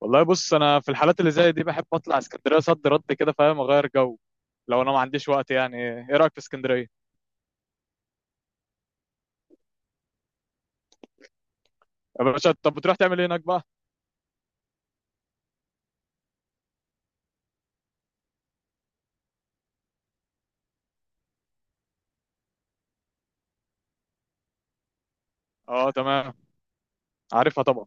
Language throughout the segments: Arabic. والله بص، انا في الحالات اللي زي دي بحب اطلع اسكندريه صد رد كده فاهم، اغير جو. لو انا ما عنديش وقت يعني. ايه رايك في اسكندريه؟ يا باشا، طب بتروح تعمل ايه هناك بقى؟ اه تمام، عارفها طبعا.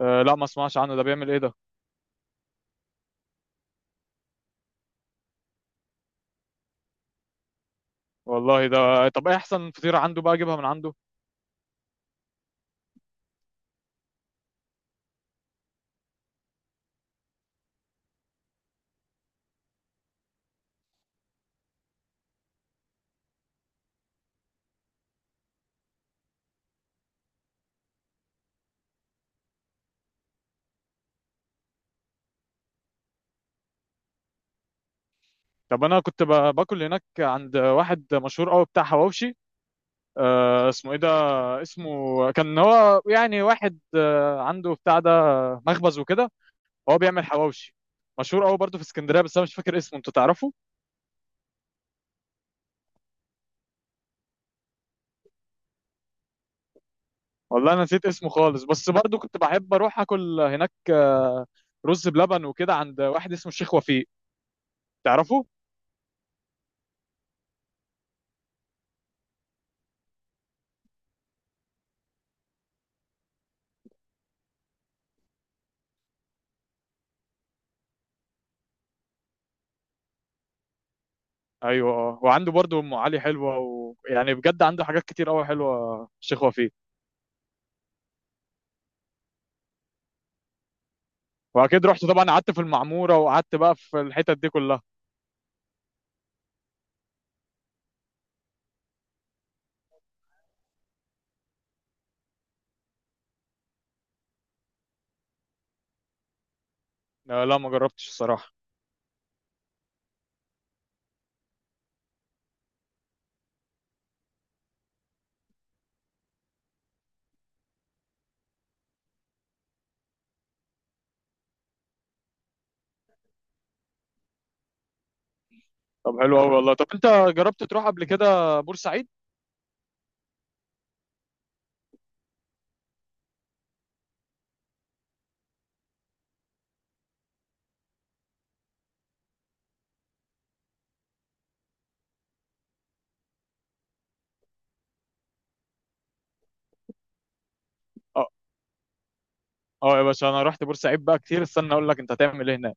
آه لا، ما اسمعش عنه، ده بيعمل ايه ده؟ والله ده، طب ايه احسن فطيره عنده بقى اجيبها من عنده؟ طب انا كنت باكل هناك عند واحد مشهور قوي بتاع حواوشي. آه اسمه ايه ده؟ اسمه كان، هو يعني واحد آه عنده بتاع ده، مخبز وكده. هو بيعمل حواوشي، مشهور قوي برضه في اسكندريه، بس انا مش فاكر اسمه، انت تعرفه؟ والله انا نسيت اسمه خالص، بس برضه كنت بحب اروح اكل هناك رز بلبن وكده، عند واحد اسمه الشيخ وفيق، تعرفه؟ ايوه آه. وعنده برضه ام علي حلوه، ويعني بجد عنده حاجات كتير قوي حلوه الشيخ وفيق. واكيد رحت طبعا، قعدت في المعموره، وقعدت بقى في الحتت دي كلها. لا، ما جربتش الصراحه. طب حلو قوي والله. طب انت جربت تروح قبل كده بورسعيد؟ اه. اه يا باشا، انا رحت بورسعيد بقى كتير، استنى اقول لك انت هتعمل ايه هناك.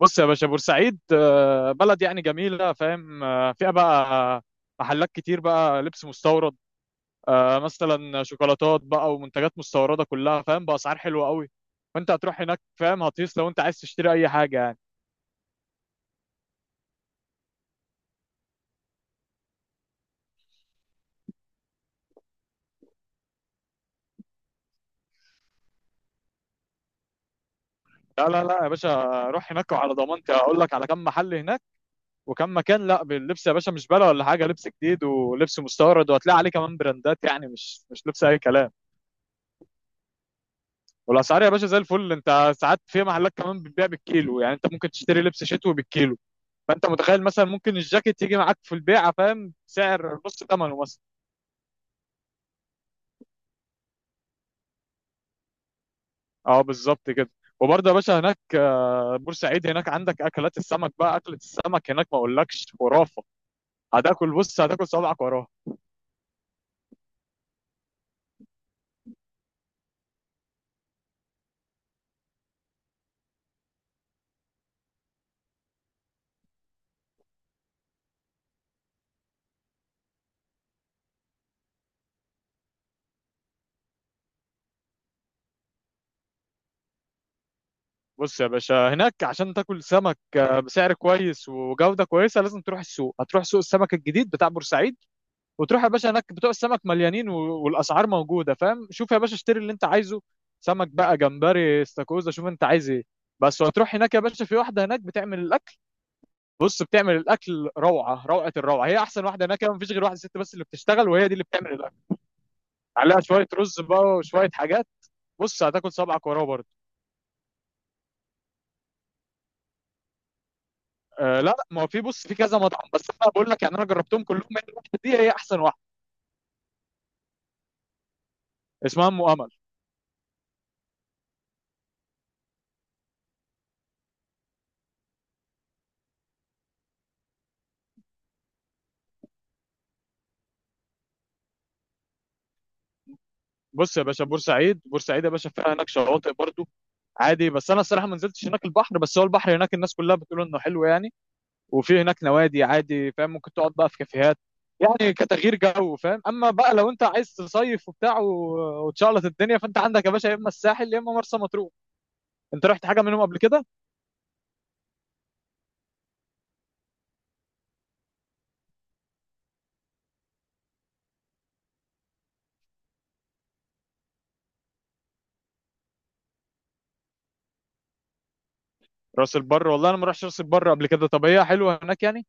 بص يا باشا، بورسعيد بلد يعني جميله، فاهم؟ فيها بقى محلات كتير بقى لبس مستورد، مثلا شوكولاتات بقى ومنتجات مستورده كلها، فاهم، باسعار حلوه قوي. فانت هتروح هناك فاهم، هتقيس لو انت عايز تشتري اي حاجه يعني. لا لا لا يا باشا، روح هناك وعلى ضمانتي هقول لك على كم محل هناك. وكان مكان، لا باللبس يا باشا، مش بلا ولا حاجه، لبس جديد ولبس مستورد، وهتلاقي عليه كمان براندات، يعني مش لبس اي كلام. والاسعار يا باشا زي الفل. انت ساعات في محلات كمان بتبيع بالكيلو، يعني انت ممكن تشتري لبس شتوي بالكيلو. فانت متخيل، مثلا ممكن الجاكيت يجي معاك في البيعه، فاهم، سعر نص ثمنه مثلا. اه بالظبط كده. وبرضه يا باشا هناك بورسعيد، هناك عندك اكلات السمك بقى، اكله السمك هناك ما اقولكش، خرافه. هتاكل، بص هتاكل صوابعك وراها. بص يا باشا، هناك عشان تاكل سمك بسعر كويس وجودة كويسة، لازم تروح السوق، هتروح سوق السمك الجديد بتاع بورسعيد. وتروح يا باشا هناك بتوع السمك مليانين، والاسعار موجوده فاهم. شوف يا باشا، اشتري اللي انت عايزه، سمك بقى، جمبري، استاكوزا، شوف انت عايز ايه بس. وهتروح هناك يا باشا، في واحده هناك بتعمل الاكل. بص بتعمل الاكل روعه روعه الروعه، هي احسن واحده هناك. مفيش غير واحده ست بس اللي بتشتغل، وهي دي اللي بتعمل الاكل، عليها شويه رز بقى وشويه حاجات. بص هتاكل صبعك وراه برضه. آه لا لا، ما هو في، بص في كذا مطعم، بس انا بقول لك يعني انا جربتهم كلهم، هي الواحده دي هي احسن واحده. اسمها ام امل. بص يا باشا، بورسعيد بورسعيد يا باشا فيها هناك شواطئ برضه عادي، بس انا الصراحه ما نزلتش هناك البحر، بس هو البحر هناك الناس كلها بتقول انه حلو يعني. وفي هناك نوادي عادي، فاهم، ممكن تقعد بقى في كافيهات، يعني كتغيير جو، فاهم. اما بقى لو انت عايز تصيف وبتاع وتشعلط الدنيا، فانت عندك يا باشا يا اما الساحل يا اما مرسى مطروح. انت رحت حاجه منهم قبل كده؟ راس البر؟ والله انا ما رحتش راس البر قبل كده. طب هي حلوه هناك يعني؟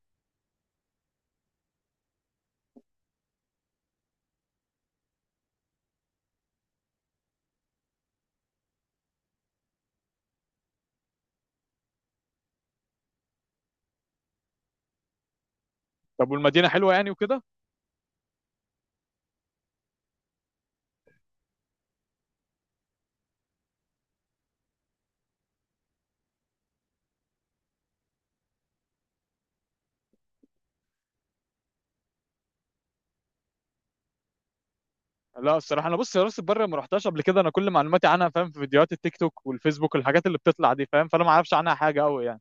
طب والمدينه حلوه يعني وكده؟ لا الصراحه انا، بص، يا راس البر ما رحتهاش قبل كده، انا كل معلوماتي عنها فاهم في فيديوهات التيك توك والفيسبوك والحاجات اللي بتطلع دي، فاهم، فانا ما اعرفش عنها حاجه قوي يعني.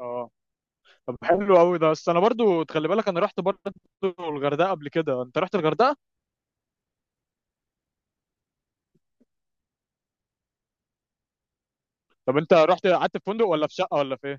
اه. طب حلو قوي ده، بس انا برضو تخلي بالك، انا رحت برضو الغردقه قبل كده. انت رحت الغردقه؟ طب انت رحت قعدت في فندق، ولا في شقه، ولا في ايه؟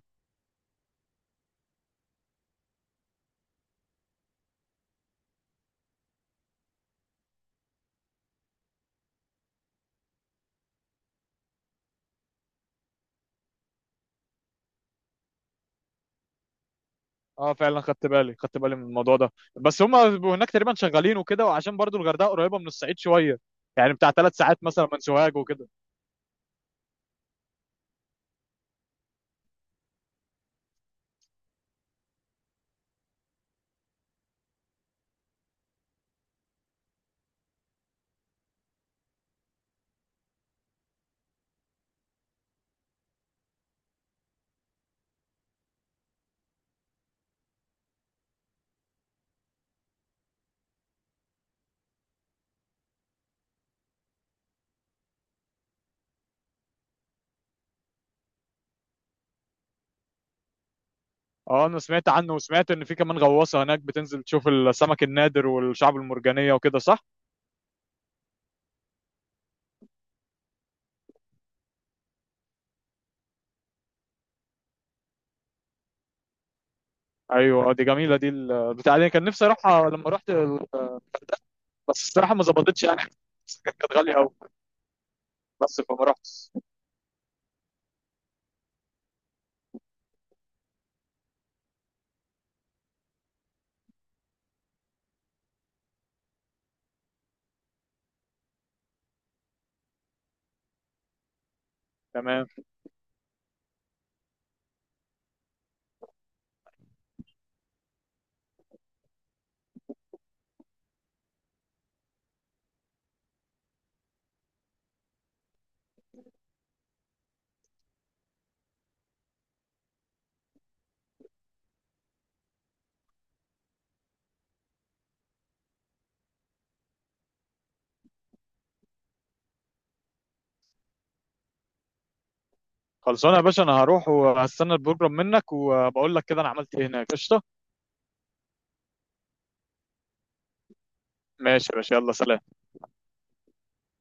اه فعلا خدت بالي، خدت بالي من الموضوع ده، بس هما بيبقوا هناك تقريبا شغالين وكده، وعشان برضو الغردقه قريبه من الصعيد شويه، يعني بتاع 3 ساعات مثلا من سوهاج وكده. اه انا سمعت عنه، وسمعت ان في كمان غواصه هناك بتنزل تشوف السمك النادر والشعب المرجانيه وكده، صح؟ ايوه آه، دي جميله، دي بتاع دي كان نفسي اروحها لما رحت بس الصراحه ما ظبطتش يعني. كانت غاليه قوي. بس فما رحتش. تمام. خلصانه يا باشا، انا هروح وهستنى البروجرام منك، وبقول لك كده انا عملت ايه هناك. قشطه. ماشي يا باشا، يلا سلام.